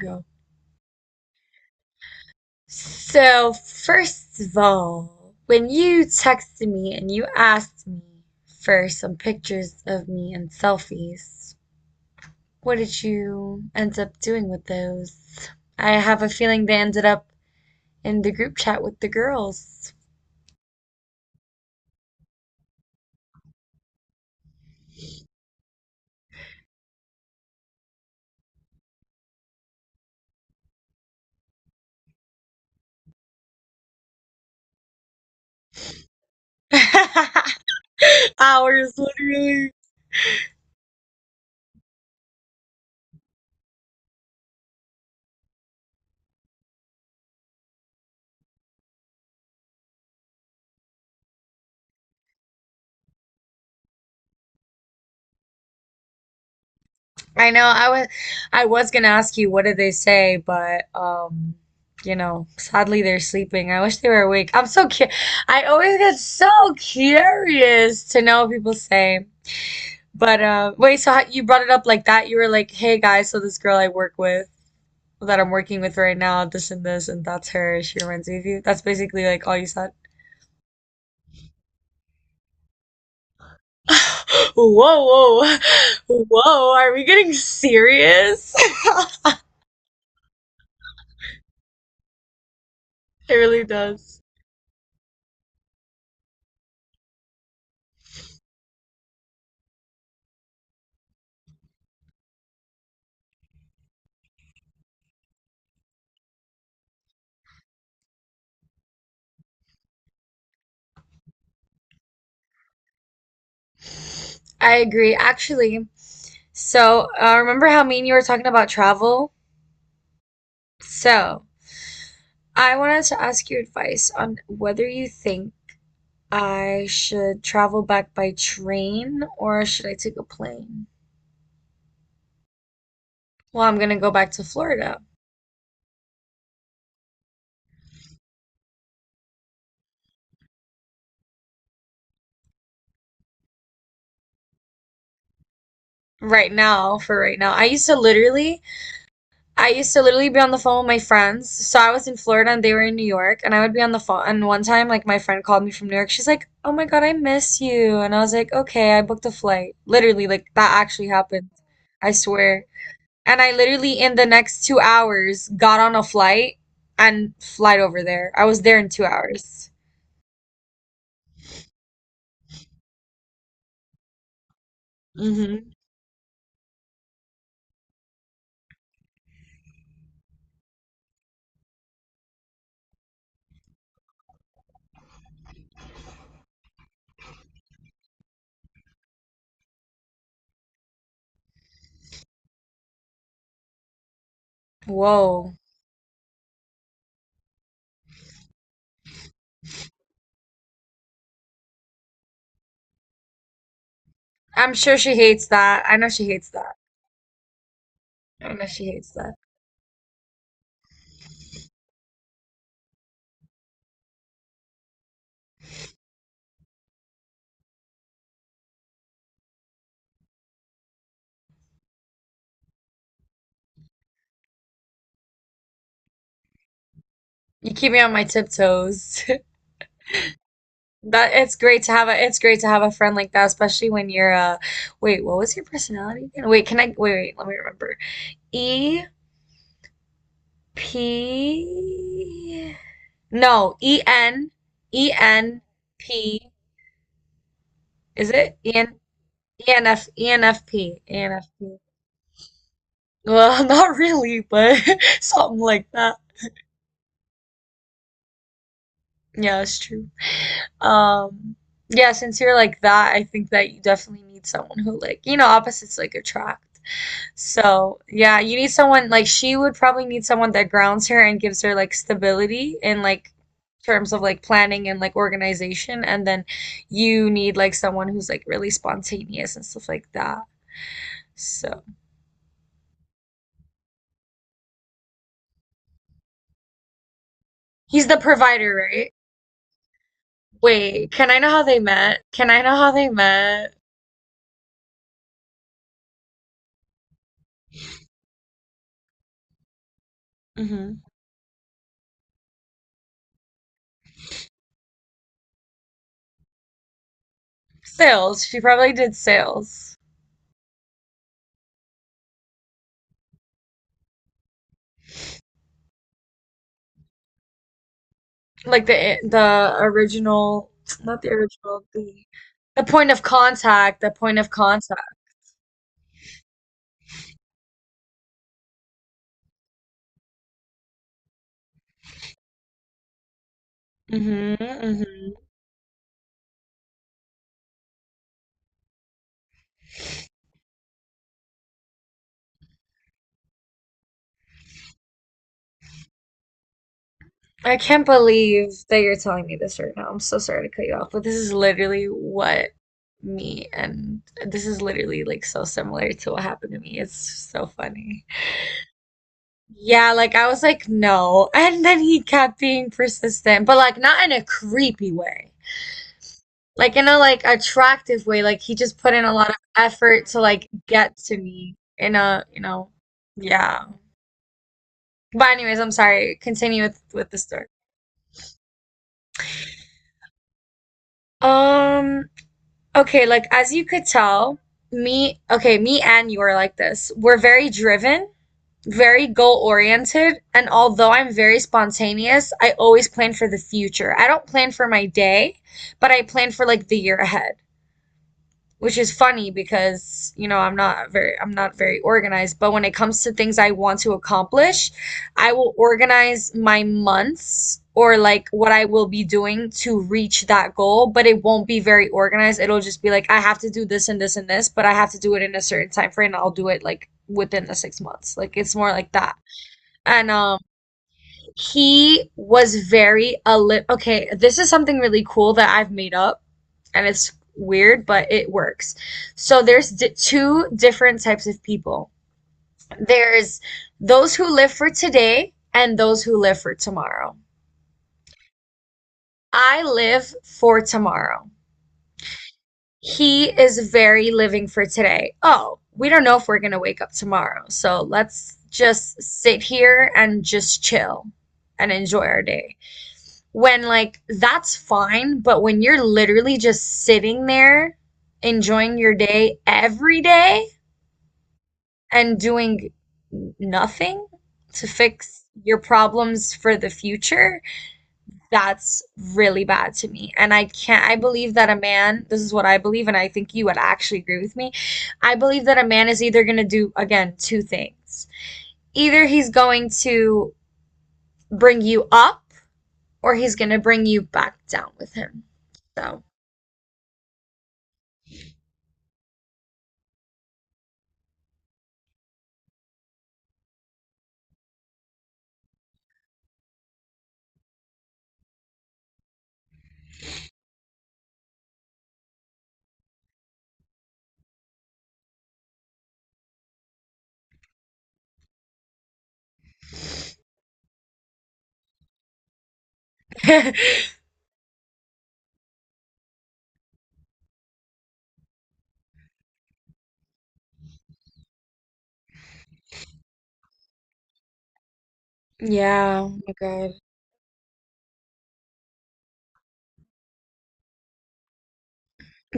Go. So, first of all, when you texted me and you asked me for some pictures of me and selfies, what did you end up doing with those? I have a feeling they ended up in the group chat with the girls. Hours, literally. I know I was I was gonna ask you what did they say, but sadly they're sleeping. I wish they were awake. I always get so curious to know what people say. But wait, so how, you brought it up like that? You were like, "Hey guys, so this girl I work with that I'm working with right now, this and this, and that's her. She reminds me of you." That's basically like all you said. Whoa, whoa, whoa! Are we getting serious? It really does. I agree. Actually, so remember how mean you were talking about travel? So I wanted to ask your advice on whether you think I should travel back by train or should I take a plane? Well, I'm gonna go back to Florida right now for right now. I used to literally be on the phone with my friends. So I was in Florida and they were in New York, and I would be on the phone. And one time, like, my friend called me from New York. She's like, oh my God, I miss you. And I was like, okay, I booked a flight. Literally, like, that actually happened. I swear. And I literally, in the next 2 hours, got on a flight and flight over there. I was there in 2 hours. hmm Whoa. I'm sure she hates that. I know she hates that. I know she hates that. You keep me on my tiptoes. That it's great to have a It's great to have a friend like that, especially when you're wait, what was your personality again? Wait, can I wait, wait, let me remember. E P, no, ENENP is it? ENFENFPENFP. Well, not really, but something like that. Yeah, it's true. Um yeah, since you're like that, I think that you definitely need someone who, like, you know, opposites like attract. So, yeah, you need someone like she would probably need someone that grounds her and gives her like stability in like terms of like planning and like organization. And then you need like someone who's like really spontaneous and stuff like that. So, he's the provider, right? Wait, can I know how they met? Hmm. Sales. She probably did sales. Like the original, not the original, the point of contact, the point of contact. Mm-hmm, mm-hmm. I can't believe that you're telling me this right now. I'm so sorry to cut you off, but me and this is literally like so similar to what happened to me. It's so funny. Yeah, like I was like, no. And then he kept being persistent, but like not in a creepy way. Like in a like attractive way. Like he just put in a lot of effort to like get to me in yeah. But anyways, I'm sorry. Continue with the story. Um, Okay, like as you could tell, me and you are like this. We're very driven, very goal oriented, and although I'm very spontaneous, I always plan for the future. I don't plan for my day, but I plan for like the year ahead, which is funny because, you know, I'm not very organized, but when it comes to things I want to accomplish, I will organize my months or like what I will be doing to reach that goal, but it won't be very organized. It'll just be like I have to do this and this and this, but I have to do it in a certain time frame. I'll do it like within the 6 months. Like it's more like that. And he was very a li- okay, this is something really cool that I've made up, and it's weird, but it works. So there's two different types of people. There's those who live for today and those who live for tomorrow. I live for tomorrow. He is very living for today. Oh, we don't know if we're going to wake up tomorrow. So let's just sit here and just chill and enjoy our day. When, like, that's fine, but when you're literally just sitting there enjoying your day every day and doing nothing to fix your problems for the future, that's really bad to me. And I can't, I believe that a man, this is what I believe, and I think you would actually agree with me. I believe that a man is either going to do, again, two things. Either he's going to bring you up or he's going to bring you back down with him. So. Yeah, oh my God.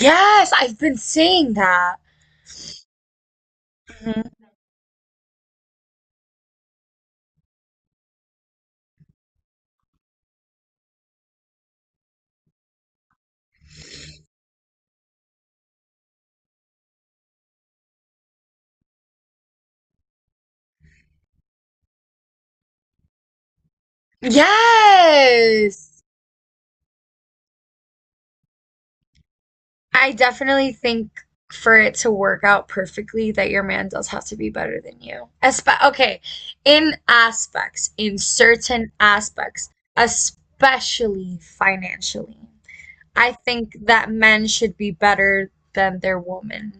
Yes, I've been seeing that. Hmm. Yes. I definitely think for it to work out perfectly that your man does have to be better than you. Espe Okay, in aspects, in certain aspects, especially financially. I think that men should be better than their woman.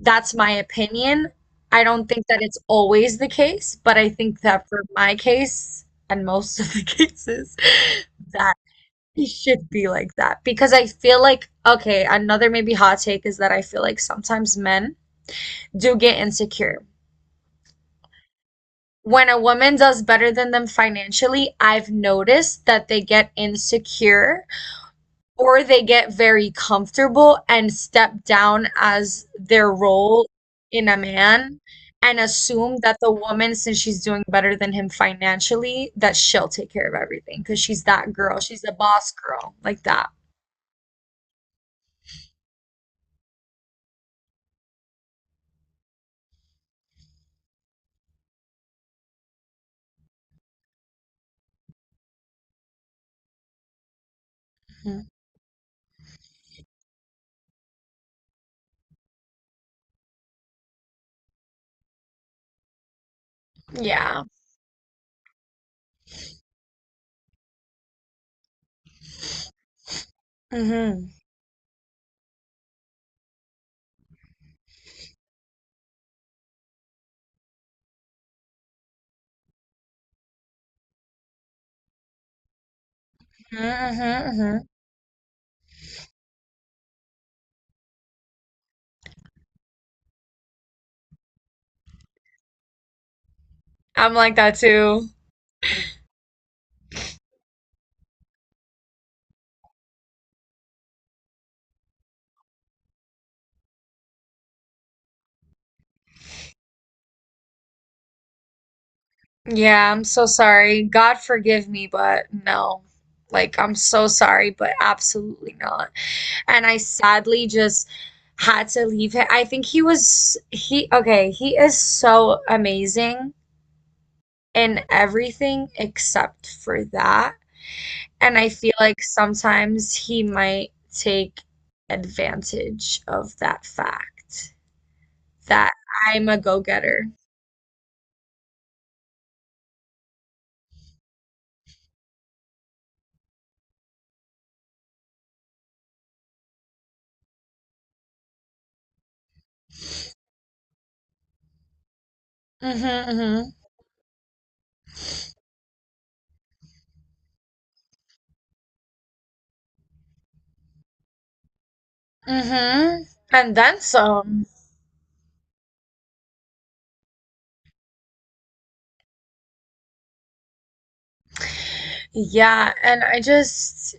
That's my opinion. I don't think that it's always the case, but I think that for my case and most of the cases, that it should be like that because I feel like, okay, another maybe hot take is that I feel like sometimes men do get insecure. When a woman does better than them financially, I've noticed that they get insecure or they get very comfortable and step down as their role in a man and assume that the woman, since she's doing better than him financially, that she'll take care of everything because she's that girl, she's the boss girl like that. Mhm. Yeah, mm-hmm. Mm-hmm, hmm. I'm like that too. Yeah, I'm so sorry, god forgive me, but no, like I'm so sorry, but absolutely not. And I sadly just had to leave him. I think he was he okay, he is so amazing in everything except for that. And I feel like sometimes he might take advantage of that fact that I'm a go-getter. Mm, mhm, mhm. Mhm. And then some. Yeah, and I just,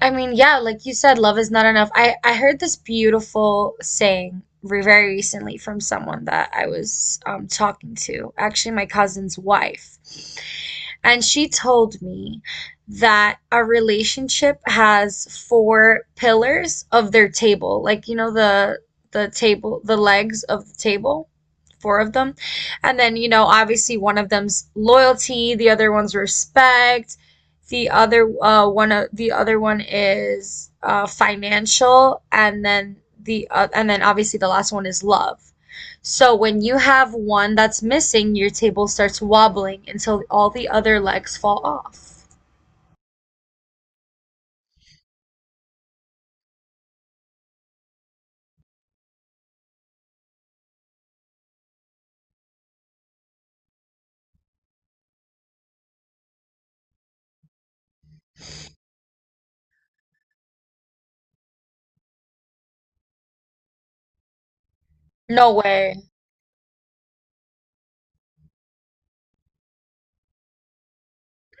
I mean, yeah, like you said, love is not enough. I heard this beautiful saying very recently from someone that I was talking to, actually my cousin's wife. And she told me that a relationship has four pillars of their table, like, you know, the the legs of the table, four of them. And then, you know, obviously one of them's loyalty, the other one's respect, the other one is financial, and then obviously the last one is love. So when you have one that's missing, your table starts wobbling until all the other legs fall off. No way.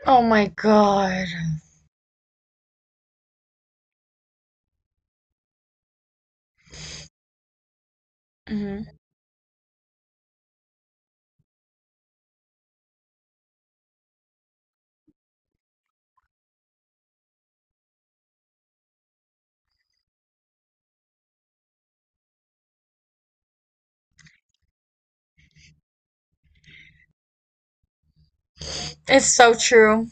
Oh my God. Hmm. It's so true.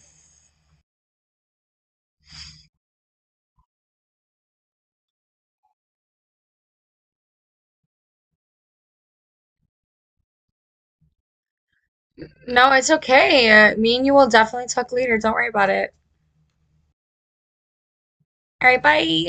No, it's okay. Me and you will definitely talk later. Don't worry about it. All right, bye.